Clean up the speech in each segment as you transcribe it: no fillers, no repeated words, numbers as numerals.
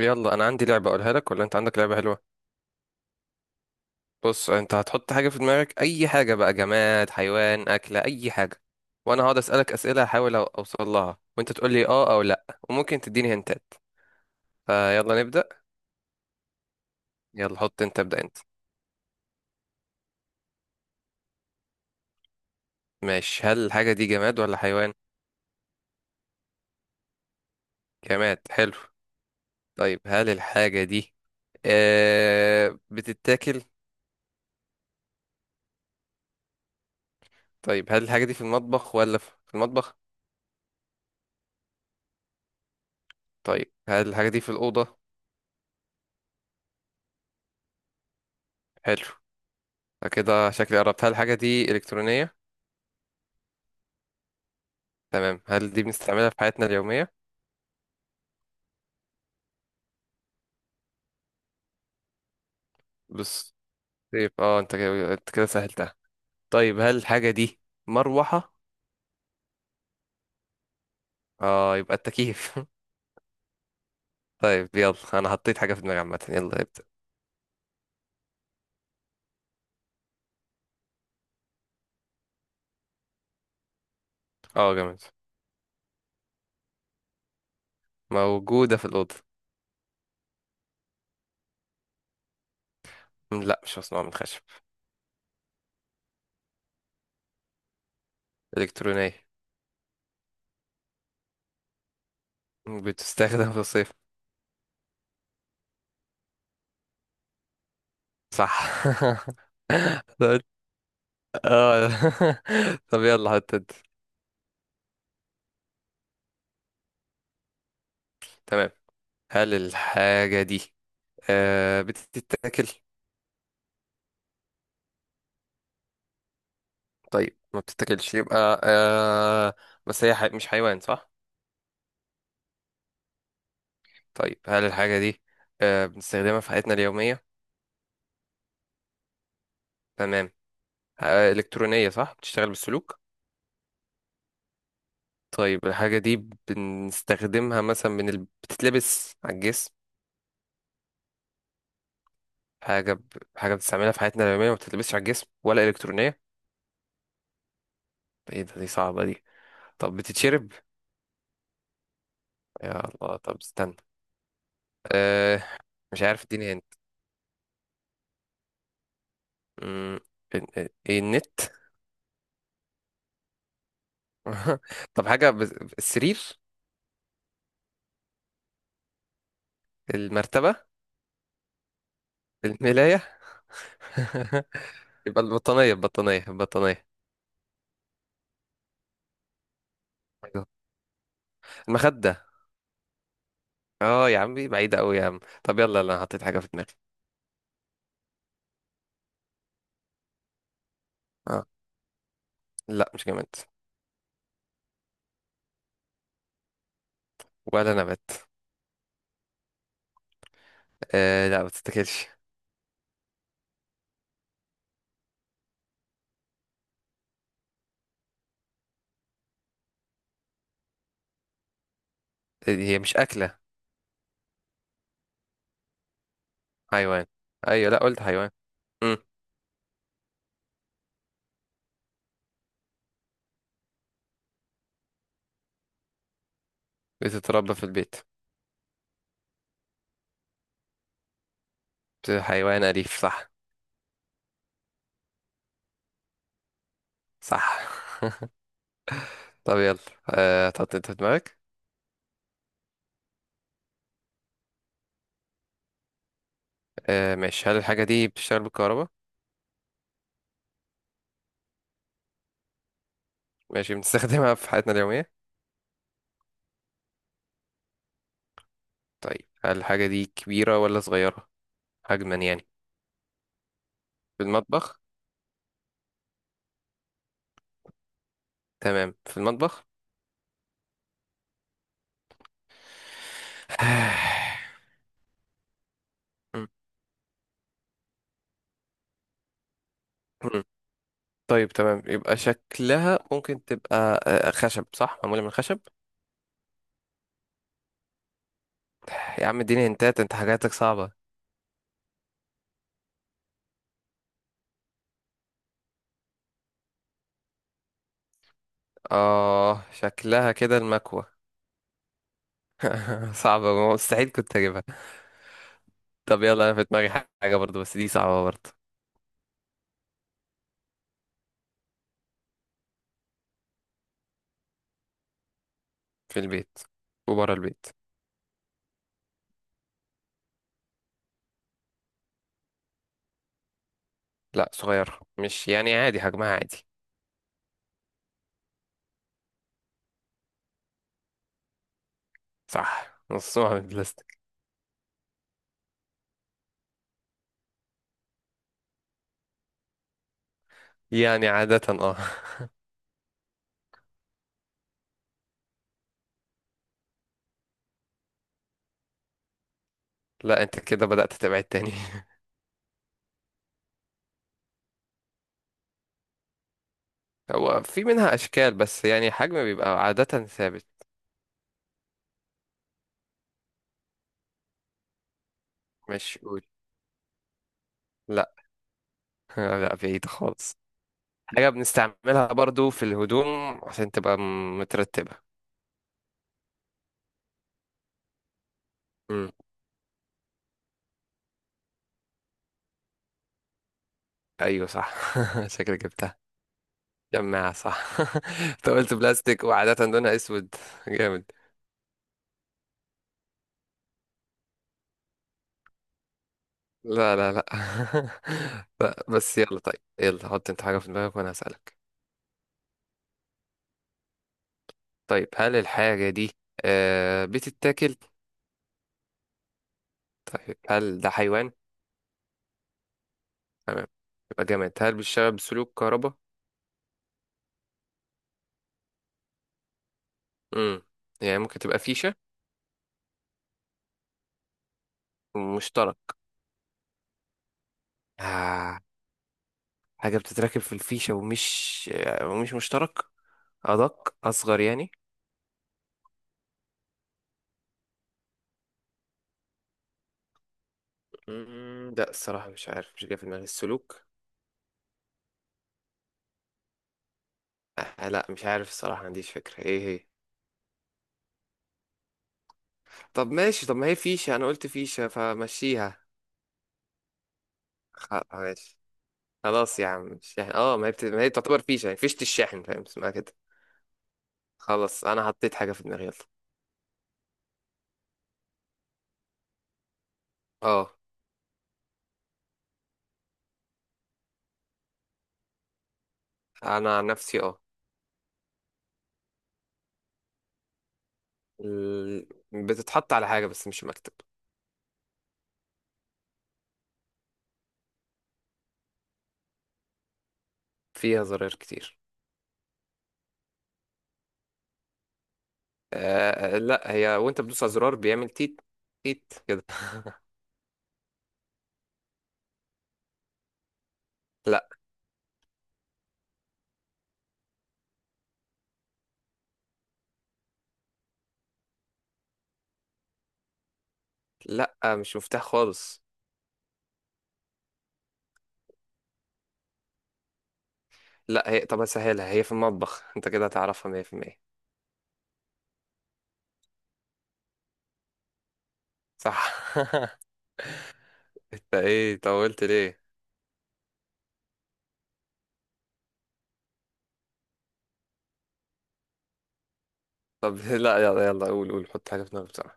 يلا انا عندي لعبه اقولها لك ولا انت عندك لعبه حلوه؟ بص، انت هتحط حاجه في دماغك، اي حاجه بقى، جماد، حيوان، اكله، اي حاجه. وانا هقعد اسالك اسئله احاول اوصل لها، وانت تقول لي اه او لا، وممكن تديني هنتات. فيلا نبدا. يلا حط انت، ابدا انت. ماشي، هل الحاجه دي جماد ولا حيوان؟ جماد حلو. طيب، هل الحاجه دي بتتاكل؟ طيب، هل الحاجه دي في المطبخ ولا في المطبخ؟ طيب، هل الحاجه دي في الاوضه؟ حلو، كده شكلي قربت. هل الحاجه دي الكترونيه؟ تمام، هل دي بنستعملها في حياتنا اليومية؟ بص. طيب اه، انت كده سهلتها. طيب، هل الحاجة دي مروحة؟ اه، يبقى التكييف. طيب، يلا انا حطيت حاجة في دماغي عامة، يلا ابدأ. اه، جامد. موجودة في الأوضة. لا، مش مصنوعة من خشب. إلكترونية. بتستخدم في الصيف. صح. طب- اه. طب، يلا حط انت. تمام، هل الحاجة دي بتتاكل؟ طيب، ما بتتاكلش، يبقى آه. بس هي مش حيوان، صح؟ طيب، هل الحاجة دي بنستخدمها في حياتنا اليومية؟ تمام. إلكترونية، صح؟ بتشتغل بالسلوك؟ طيب، الحاجة دي بنستخدمها مثلا، بتتلبس على الجسم؟ حاجة ب... حاجة بتستعملها في حياتنا اليومية، ما بتتلبسش على الجسم ولا إلكترونية. ايه ده، دي صعبة دي. طب، بتتشرب؟ يا الله، طب استنى. آه، مش عارف، اديني هنت. مم، ايه النت؟ طب، حاجة. السرير؟ المرتبة؟ الملاية؟ يبقى البطانية البطانية البطانية؟ أيوة. المخدة؟ اه يا عمي، بعيدة أوي يا عم. طب يلا، أنا حطيت حاجة في دماغي. اه. لا، مش جماد. ولا نبات. آه، لا ما تتاكلش. آه، هي مش أكلة. حيوان. أيوة، لا قلت حيوان. مم. بتتربى في البيت. حيوان أليف، صح. صح. طب يلا. آه، تحط انت في دماغك. آه ماشي، هل الحاجة دي بتشتغل بالكهرباء؟ ماشي، بنستخدمها في حياتنا اليومية. طيب، هل الحاجة دي كبيرة ولا صغيرة؟ حجما يعني. في المطبخ. تمام، في المطبخ. م- م. طيب تمام، يبقى شكلها ممكن تبقى خشب، صح؟ معمولة من خشب؟ يا عم، اديني هنتات، انت حاجاتك صعبة. اه، شكلها كده المكوة. صعبة، مستحيل كنت اجيبها. طب يلا، انا في دماغي حاجة برضو، بس دي صعبة برضو. في البيت وبره البيت. لا، صغير مش يعني، عادي حجمها عادي. صح، نصها من البلاستيك. يعني عادة اه. لا، انت كده بدأت تبعد تاني. هو في منها أشكال، بس يعني حجم بيبقى عادة ثابت. مش قول. لا. لا، بعيد خالص. حاجة بنستعملها برضو في الهدوم عشان تبقى مترتبة. مم. أيوة صح. شكلك جبتها. جماعة صح. أنت قلت بلاستيك وعادة لونها أسود. جامد. لا، لا، لا. لا بس يلا، طيب يلا، حط أنت حاجة في دماغك وأنا هسألك. طيب، هل الحاجة دي بتتاكل؟ طيب، هل ده حيوان؟ تمام. يبقى جامد، هل بيشتغل بسلوك كهرباء؟ امم. يعني ممكن تبقى فيشة. ومشترك؟ آه. حاجة بتتركب في الفيشة ومش مشترك. أدق، أصغر يعني. لا، الصراحة مش عارف، مش جاي في دماغي السلوك. آه، لا مش عارف، الصراحة ما عنديش فكرة ايه هي. طب ماشي، طب ما هي فيشة، أنا قلت فيشة، فمشيها. ماشي. خلاص يا عم، الشاحن، اه ما هي ما هي تعتبر فيشة، يعني فيشة الشاحن، فاهم اسمها كده. خلاص، أنا حطيت حاجة في دماغي، يلا. اه. أنا عن نفسي اه. بتتحط على حاجة بس مش مكتب. فيها زراير كتير. آه، آه، لا هي وانت بتدوس على زرار بيعمل تيت. تيت كده. لا. لا، مش مفتاح خالص. لا، هي طب اسهلها، هي في المطبخ، انت كده هتعرفها 100%. صح. انت ايه طولت ليه؟ طب. لا يلا يلا، قول قول، حط حاجة في دماغك بسرعة.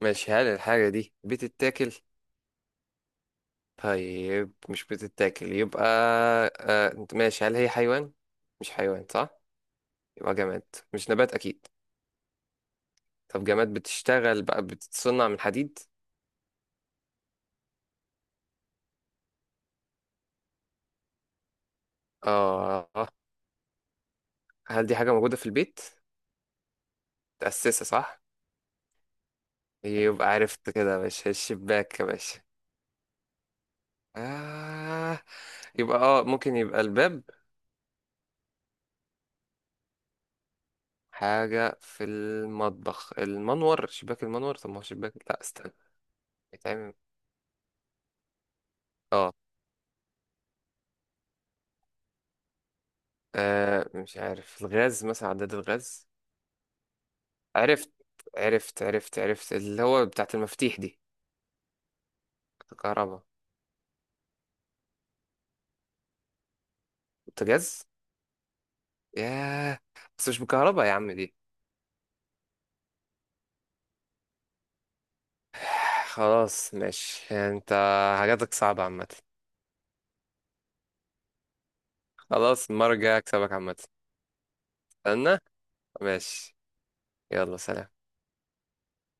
ماشي، هل الحاجة دي بتتاكل؟ طيب، مش بتتاكل يبقى. آه، انت ماشي، هل هي حيوان؟ مش حيوان، صح. يبقى جماد. مش نبات اكيد. طب جماد، بتشتغل بقى، بتتصنع من حديد؟ اه. هل دي حاجة موجودة في البيت؟ متأسسة صح؟ يبقى عرفت كده يا باشا، الشباك يا باشا؟ آه. يبقى اه، ممكن يبقى الباب. حاجة في المطبخ، المنور، شباك المنور، طب ما هو شباك، لا استنى. بيتعمل. اه. آه، مش عارف، الغاز مثلا، عداد الغاز. عرفت. عرفت، عرفت، عرفت، اللي هو بتاعت المفاتيح دي. الكهرباء. بوتاجاز. ياه. بس مش بالكهرباء يا عم دي. خلاص ماشي، يعني انت حاجاتك صعبة عامة. خلاص، المرة الجاية هكسبك عامة. استنى. ماشي. يلا، سلام.